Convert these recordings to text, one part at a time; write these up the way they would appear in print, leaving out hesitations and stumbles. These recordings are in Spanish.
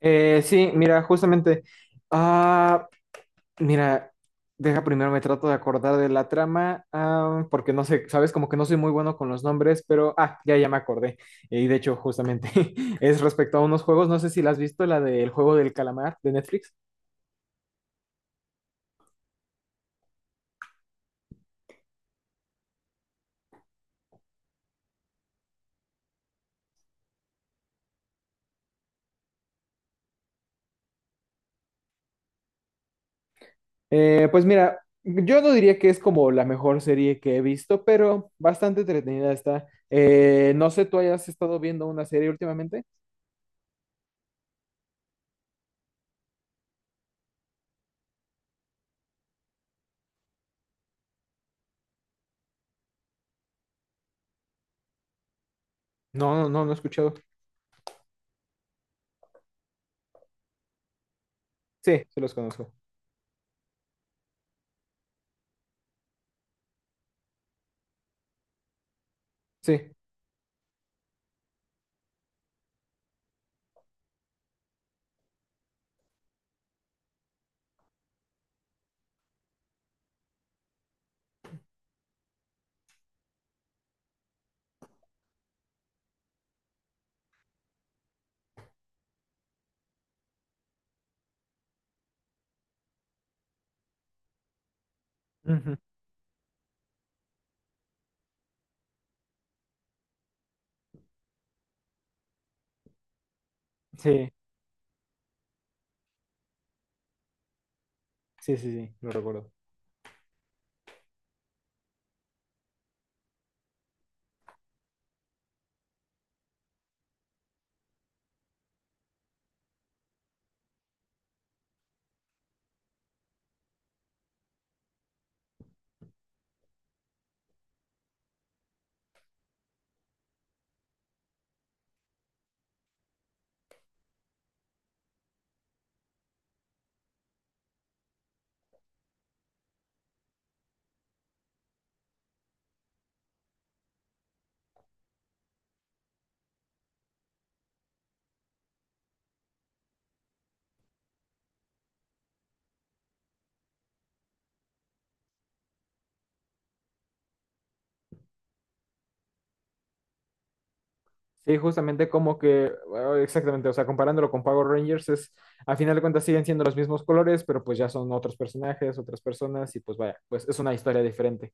Sí, mira, justamente. Ah, mira, deja primero me trato de acordar de la trama, porque no sé, sabes, como que no soy muy bueno con los nombres, pero ya me acordé. Y de hecho, justamente es respecto a unos juegos, no sé si la has visto, la del juego del calamar de Netflix. Pues mira, yo no diría que es como la mejor serie que he visto, pero bastante entretenida está. No sé, ¿tú hayas estado viendo una serie últimamente? No, no, no, no he escuchado. Sí, se los conozco. Sí. Ujú. Sí. Sí, sí, sí, lo recuerdo. Sí, justamente como que, bueno, exactamente, o sea, comparándolo con Power Rangers, es, a final de cuentas siguen siendo los mismos colores, pero pues ya son otros personajes, otras personas, y pues vaya, pues es una historia diferente.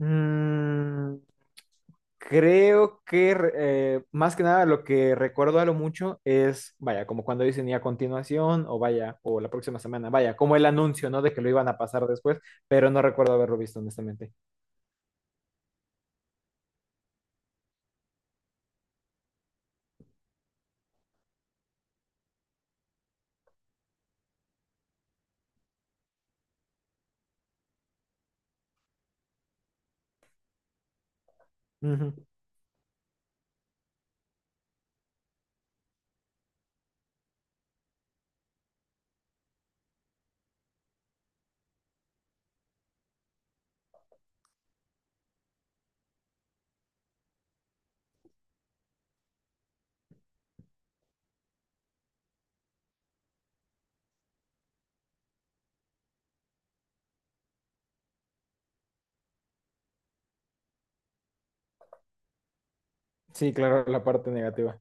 Mm, creo que re- más que nada lo que recuerdo a lo mucho es, vaya, como cuando dicen y a continuación, o vaya, o la próxima semana, vaya, como el anuncio, ¿no? De que lo iban a pasar después, pero no recuerdo haberlo visto, honestamente. Ujú. Sí, claro, la parte negativa.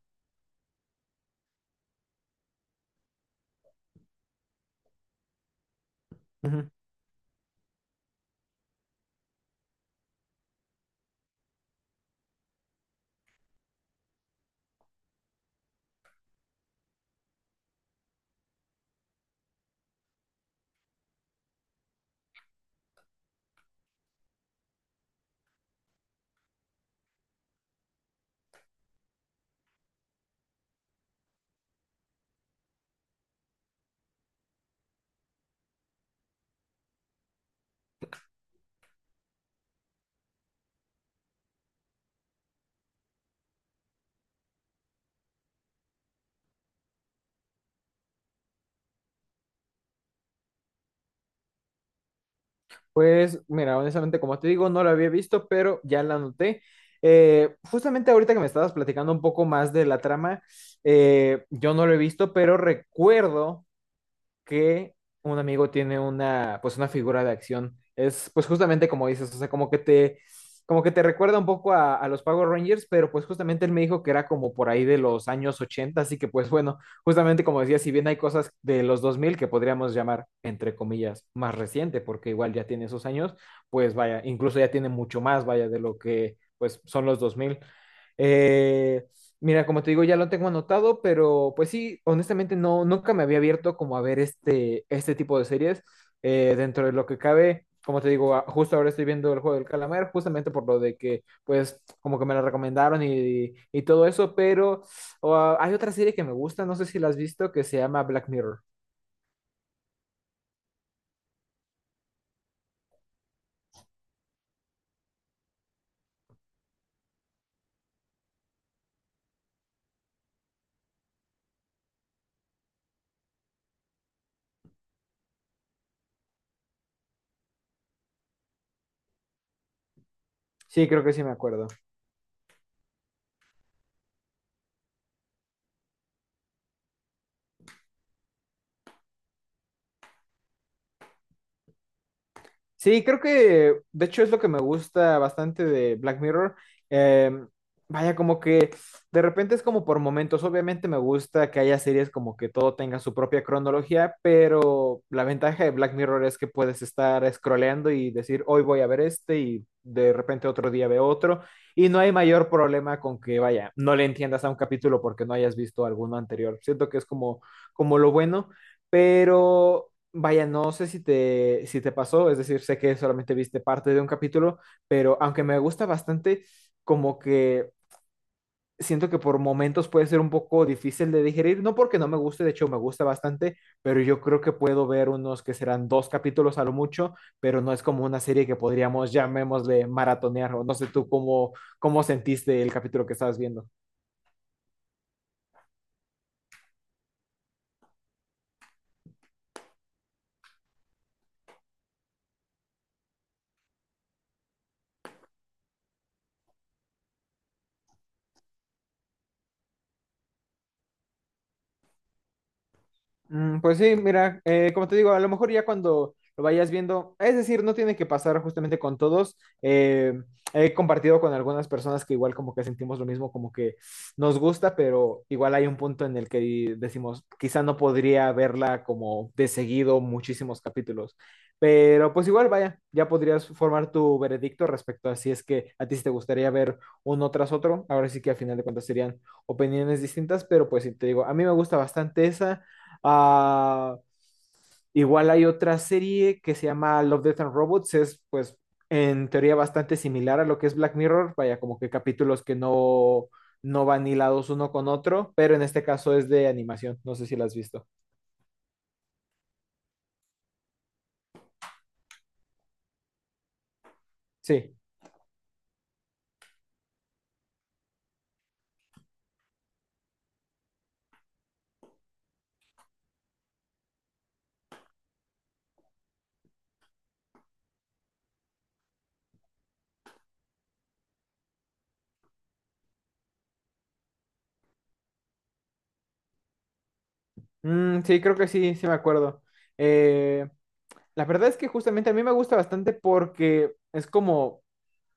Pues mira, honestamente, como te digo, no la había visto, pero ya la anoté. Justamente ahorita que me estabas platicando un poco más de la trama, yo no lo he visto, pero recuerdo que un amigo tiene una, pues una figura de acción. Es pues justamente como dices, o sea, como que te recuerda un poco a los Power Rangers, pero pues justamente él me dijo que era como por ahí de los años 80, así que pues bueno, justamente como decía, si bien hay cosas de los 2000 que podríamos llamar, entre comillas, más reciente, porque igual ya tiene esos años, pues vaya, incluso ya tiene mucho más, vaya, de lo que pues son los 2000. Eh, Mira, como te digo, ya lo tengo anotado, pero pues sí, honestamente no, nunca me había abierto como a ver este, este tipo de series. Dentro de lo que cabe, como te digo, justo ahora estoy viendo El Juego del Calamar, justamente por lo de que, pues, como que me la recomendaron y todo eso, pero oh, hay otra serie que me gusta, no sé si la has visto, que se llama Black Mirror. Sí, creo que sí me acuerdo. Sí, creo que de hecho es lo que me gusta bastante de Black Mirror. Em, Vaya, como que de repente es como por momentos. Obviamente me gusta que haya series como que todo tenga su propia cronología, pero la ventaja de Black Mirror es que puedes estar scrolleando y decir, hoy voy a ver este y de repente otro día veo otro. Y no hay mayor problema con que, vaya, no le entiendas a un capítulo porque no hayas visto alguno anterior. Siento que es como, como lo bueno, pero... Vaya, no sé si te pasó, es decir, sé que solamente viste parte de un capítulo, pero aunque me gusta bastante, como que siento que por momentos puede ser un poco difícil de digerir, no porque no me guste, de hecho me gusta bastante, pero yo creo que puedo ver unos que serán dos capítulos a lo mucho, pero no es como una serie que podríamos, llamémosle, maratonear, o no sé cómo sentiste el capítulo que estabas viendo. Mm, pues sí, mira, como te digo, a lo mejor ya cuando lo vayas viendo, es decir, no tiene que pasar justamente con todos. eh, He compartido con algunas personas que igual como que sentimos lo mismo, como que nos gusta, pero igual hay un punto en el que decimos, quizá no podría verla como de seguido muchísimos capítulos, pero pues igual vaya, ya podrías formar tu veredicto respecto a si es que a ti sí te gustaría ver uno tras otro. Ahora sí que al final de cuentas serían opiniones distintas, pero pues sí, te digo, a mí me gusta bastante esa. Ah, igual hay otra serie que se llama Love, Death and Robots, es pues en teoría bastante similar a lo que es Black Mirror, vaya, como que capítulos que no, no van hilados uno con otro, pero en este caso es de animación, no sé si la has visto. Sí, mm, sí, creo que sí, sí me acuerdo. Eh, la verdad es que justamente a mí me gusta bastante porque es como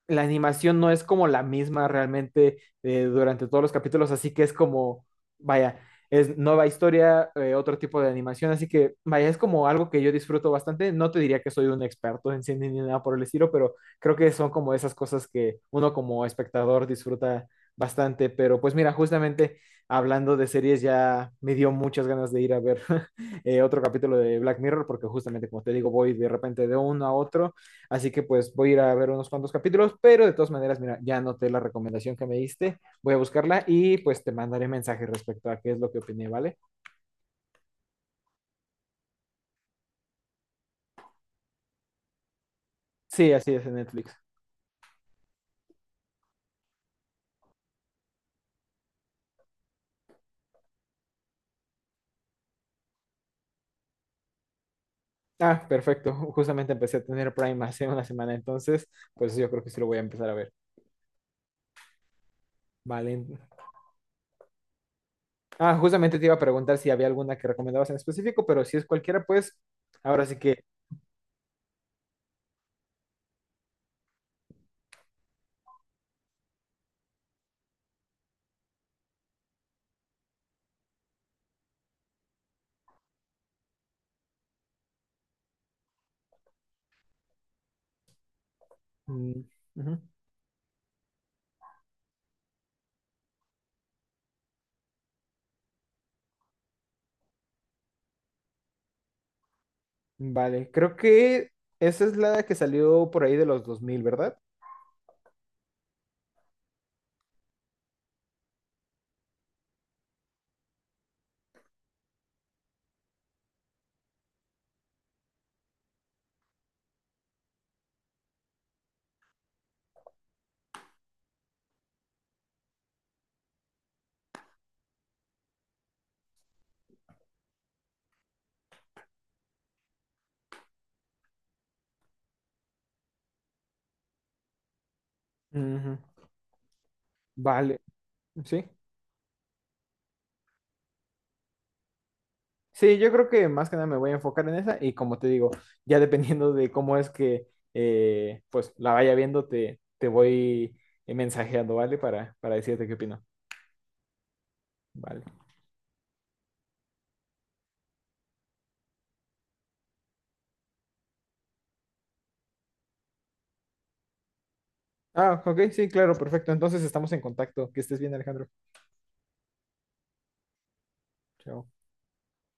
la animación no es como la misma realmente, durante todos los capítulos, así que es como, vaya, es nueva historia, otro tipo de animación, así que, vaya, es como algo que yo disfruto bastante. No te diría que soy un experto en cine ni nada por el estilo, pero creo que son como esas cosas que uno como espectador disfruta bastante. Pero pues mira, justamente hablando de series ya me dio muchas ganas de ir a ver otro capítulo de Black Mirror, porque justamente como te digo, voy de repente de uno a otro. Así que pues voy a ir a ver unos cuantos capítulos, pero de todas maneras, mira, ya anoté la recomendación que me diste, voy a buscarla y pues te mandaré mensaje respecto a qué es lo que opiné, ¿vale? Sí, así es, en Netflix. Ah, perfecto. Justamente empecé a tener Prime hace una semana, entonces pues yo creo que sí lo voy a empezar a ver. Vale. Ah, justamente te iba a preguntar si había alguna que recomendabas en específico, pero si es cualquiera, pues ahora sí que... mm, ujú. Vale, creo que esa es la que salió por ahí de los 2000, ¿verdad? Ujú. Vale, sí. Sí, yo creo que más que nada me voy a enfocar en esa y como te digo, ya dependiendo de cómo es que pues la vaya viendo, te voy mensajeando, ¿vale? Para decirte qué opino. Vale. Ah, ok, sí, claro, perfecto. Entonces estamos en contacto. Que estés bien, Alejandro. Chao.